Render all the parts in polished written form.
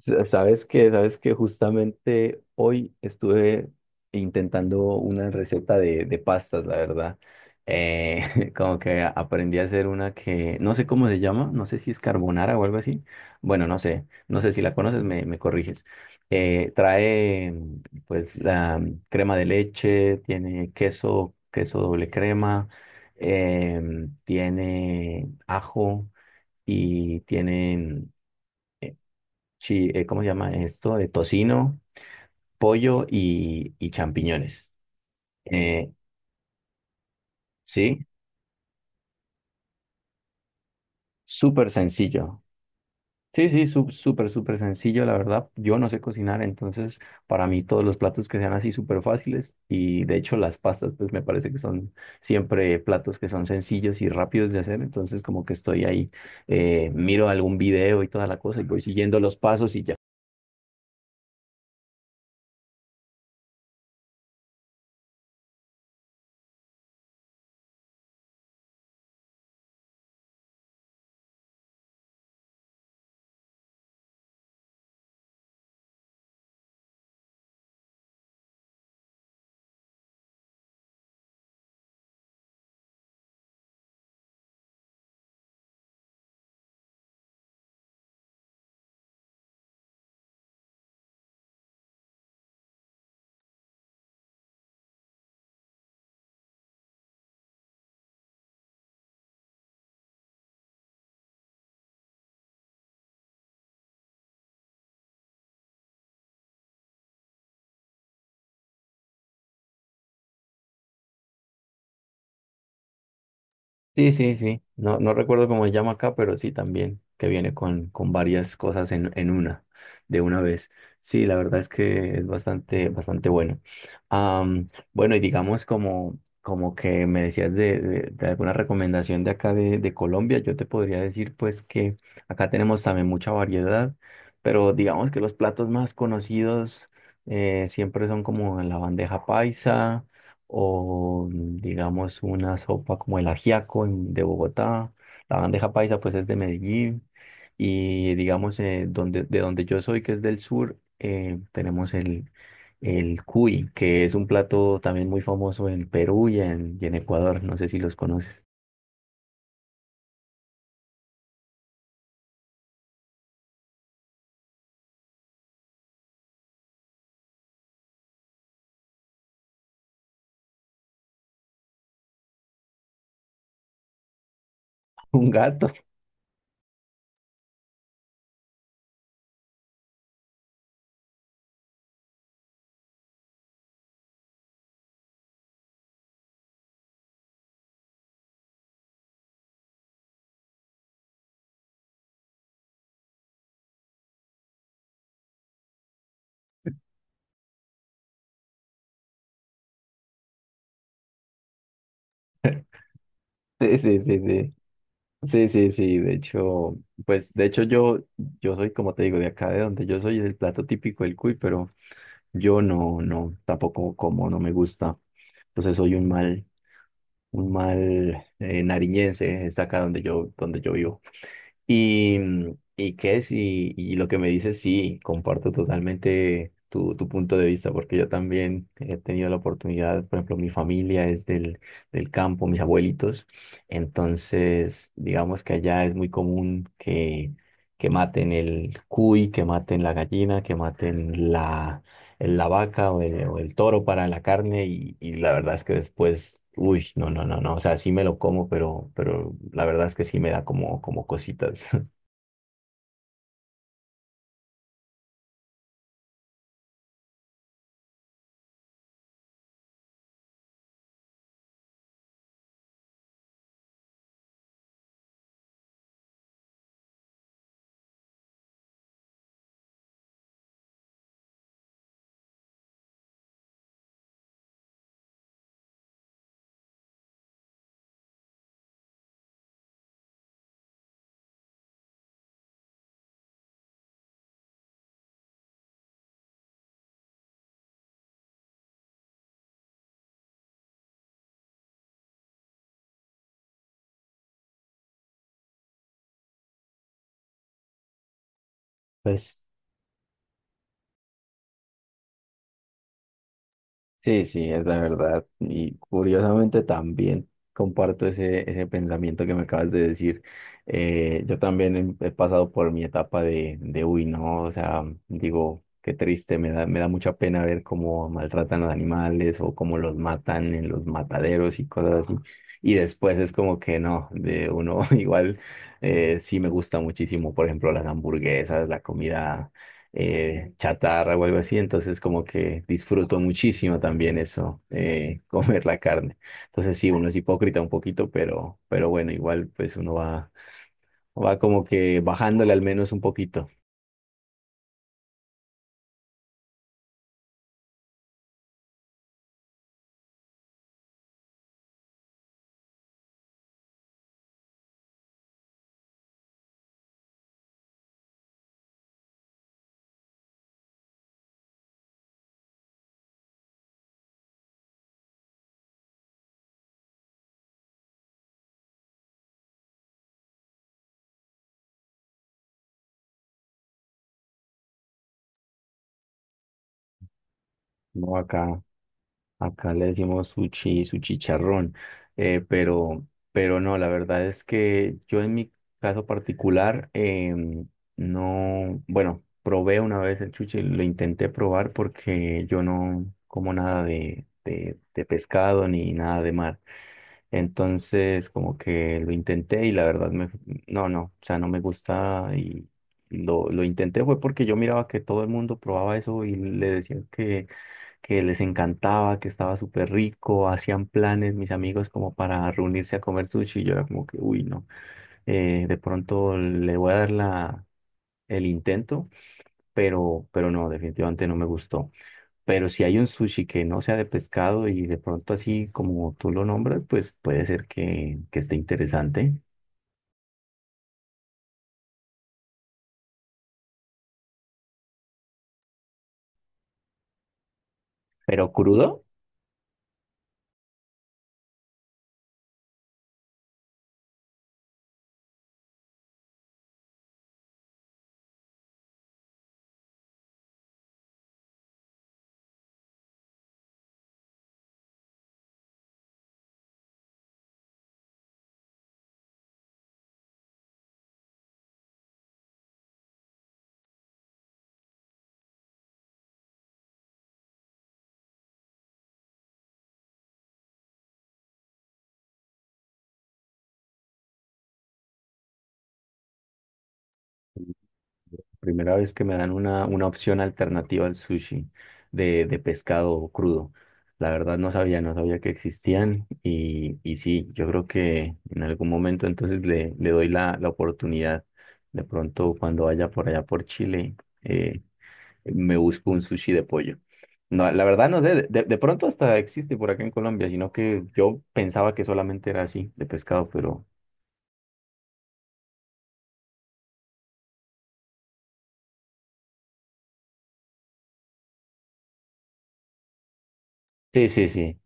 Sabes que justamente hoy estuve intentando una receta de pastas, la verdad. Como que aprendí a hacer una que no sé cómo se llama, no sé si es carbonara o algo así. Bueno, no sé, no sé si la conoces, me corriges. Trae pues la crema de leche, tiene queso, queso doble crema, tiene ajo y tienen ¿cómo se llama esto? De tocino, pollo y champiñones. Eh, sí, súper sencillo. Sí, sí, súper, súper sencillo, la verdad. Yo no sé cocinar, entonces para mí todos los platos que sean así súper fáciles y de hecho las pastas pues me parece que son siempre platos que son sencillos y rápidos de hacer, entonces como que estoy ahí, miro algún video y toda la cosa y voy siguiendo los pasos y ya. Sí, sí, sí. No, no recuerdo cómo se llama acá, pero sí también, que viene con varias cosas en una, de una vez. Sí, la verdad es que es bastante, bastante bueno. Am, bueno, y digamos como, como que me decías de alguna recomendación de acá de Colombia, yo te podría decir pues que acá tenemos también mucha variedad, pero digamos que los platos más conocidos siempre son como la bandeja paisa o digamos una sopa como el ajiaco de Bogotá, la bandeja paisa pues es de Medellín y digamos donde, de donde yo soy que es del sur tenemos el cuy que es un plato también muy famoso en Perú y en Ecuador, no sé si los conoces. Un gato. Sí, sí, sí, sí. Sí, sí, sí, de hecho, pues de hecho yo soy, como te digo, de acá de donde yo soy, es el plato típico del cuy, pero yo no, no, tampoco como, no me gusta. Entonces soy un mal nariñense, está acá donde yo vivo. Y, y qué es, y lo que me dices, sí, comparto totalmente tu, tu punto de vista, porque yo también he tenido la oportunidad, por ejemplo, mi familia es del, del campo, mis abuelitos, entonces digamos que allá es muy común que maten el cuy, que maten la gallina, que maten la vaca o el toro para la carne y la verdad es que después, uy, no, no, no, no, o sea, sí me lo como, pero la verdad es que sí me da como, como cositas. Pues sí, sí, es la verdad. Y curiosamente también comparto ese, ese pensamiento que me acabas de decir. Yo también he pasado por mi etapa uy, no, o sea, digo, qué triste, me da mucha pena ver cómo maltratan a los animales o cómo los matan en los mataderos y cosas así. Y después es como que no, de uno igual sí me gusta muchísimo, por ejemplo, las hamburguesas, la comida chatarra o algo así, entonces como que disfruto muchísimo también eso, comer la carne. Entonces sí, uno es hipócrita un poquito, pero bueno, igual pues uno va, va como que bajándole al menos un poquito. No acá. Acá le decimos sushi, su chicharrón, eh, pero, pero no, la verdad es que yo en mi caso particular no, bueno, probé una vez el sushi, lo intenté probar porque yo no como nada de pescado ni nada de mar. Entonces, como que lo intenté y la verdad me, no, no, o sea, no me gusta y lo intenté fue porque yo miraba que todo el mundo probaba eso y le decía que les encantaba, que estaba súper rico, hacían planes mis amigos como para reunirse a comer sushi y yo era como que, uy, no, de pronto le voy a dar el intento, pero no, definitivamente no me gustó. Pero si hay un sushi que no sea de pescado y de pronto así como tú lo nombras, pues puede ser que esté interesante, pero crudo. Primera vez que me dan una opción alternativa al sushi de pescado crudo. La verdad no sabía, no sabía que existían y sí, yo creo que en algún momento entonces le doy la oportunidad. De pronto cuando vaya por allá por Chile, eh, me busco un sushi de pollo. No, la verdad no sé, de pronto hasta existe por acá en Colombia, sino que yo pensaba que solamente era así, de pescado, pero sí, sí, sí.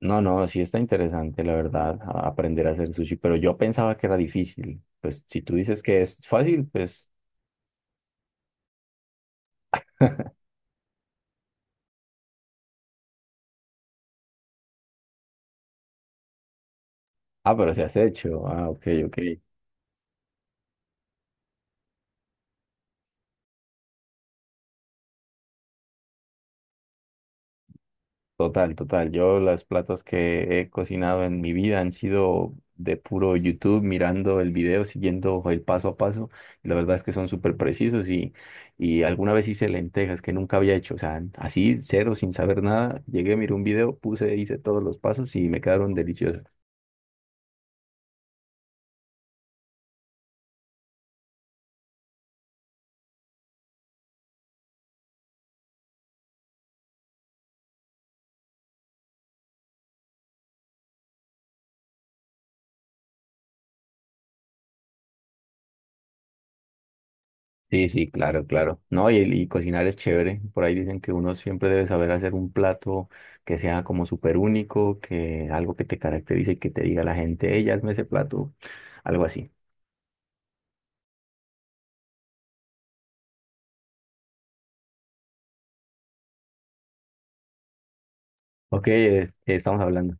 No, no, sí está interesante, la verdad, aprender a hacer sushi, pero yo pensaba que era difícil. Pues si tú dices que es fácil, pues... Ah, pero se has hecho. Ah, ok, ok. Total, total. Yo los platos que he cocinado en mi vida han sido de puro YouTube, mirando el video, siguiendo el paso a paso. Y la verdad es que son súper precisos y alguna vez hice lentejas que nunca había hecho. O sea, así, cero, sin saber nada. Llegué, miré un video, puse, hice todos los pasos y me quedaron deliciosos. Sí, sí, claro, claro. No, y cocinar es chévere. Por ahí dicen que uno siempre debe saber hacer un plato que sea como súper único, que algo que te caracterice y que te diga la gente, ella hazme ese plato, algo así. Ok, estamos hablando.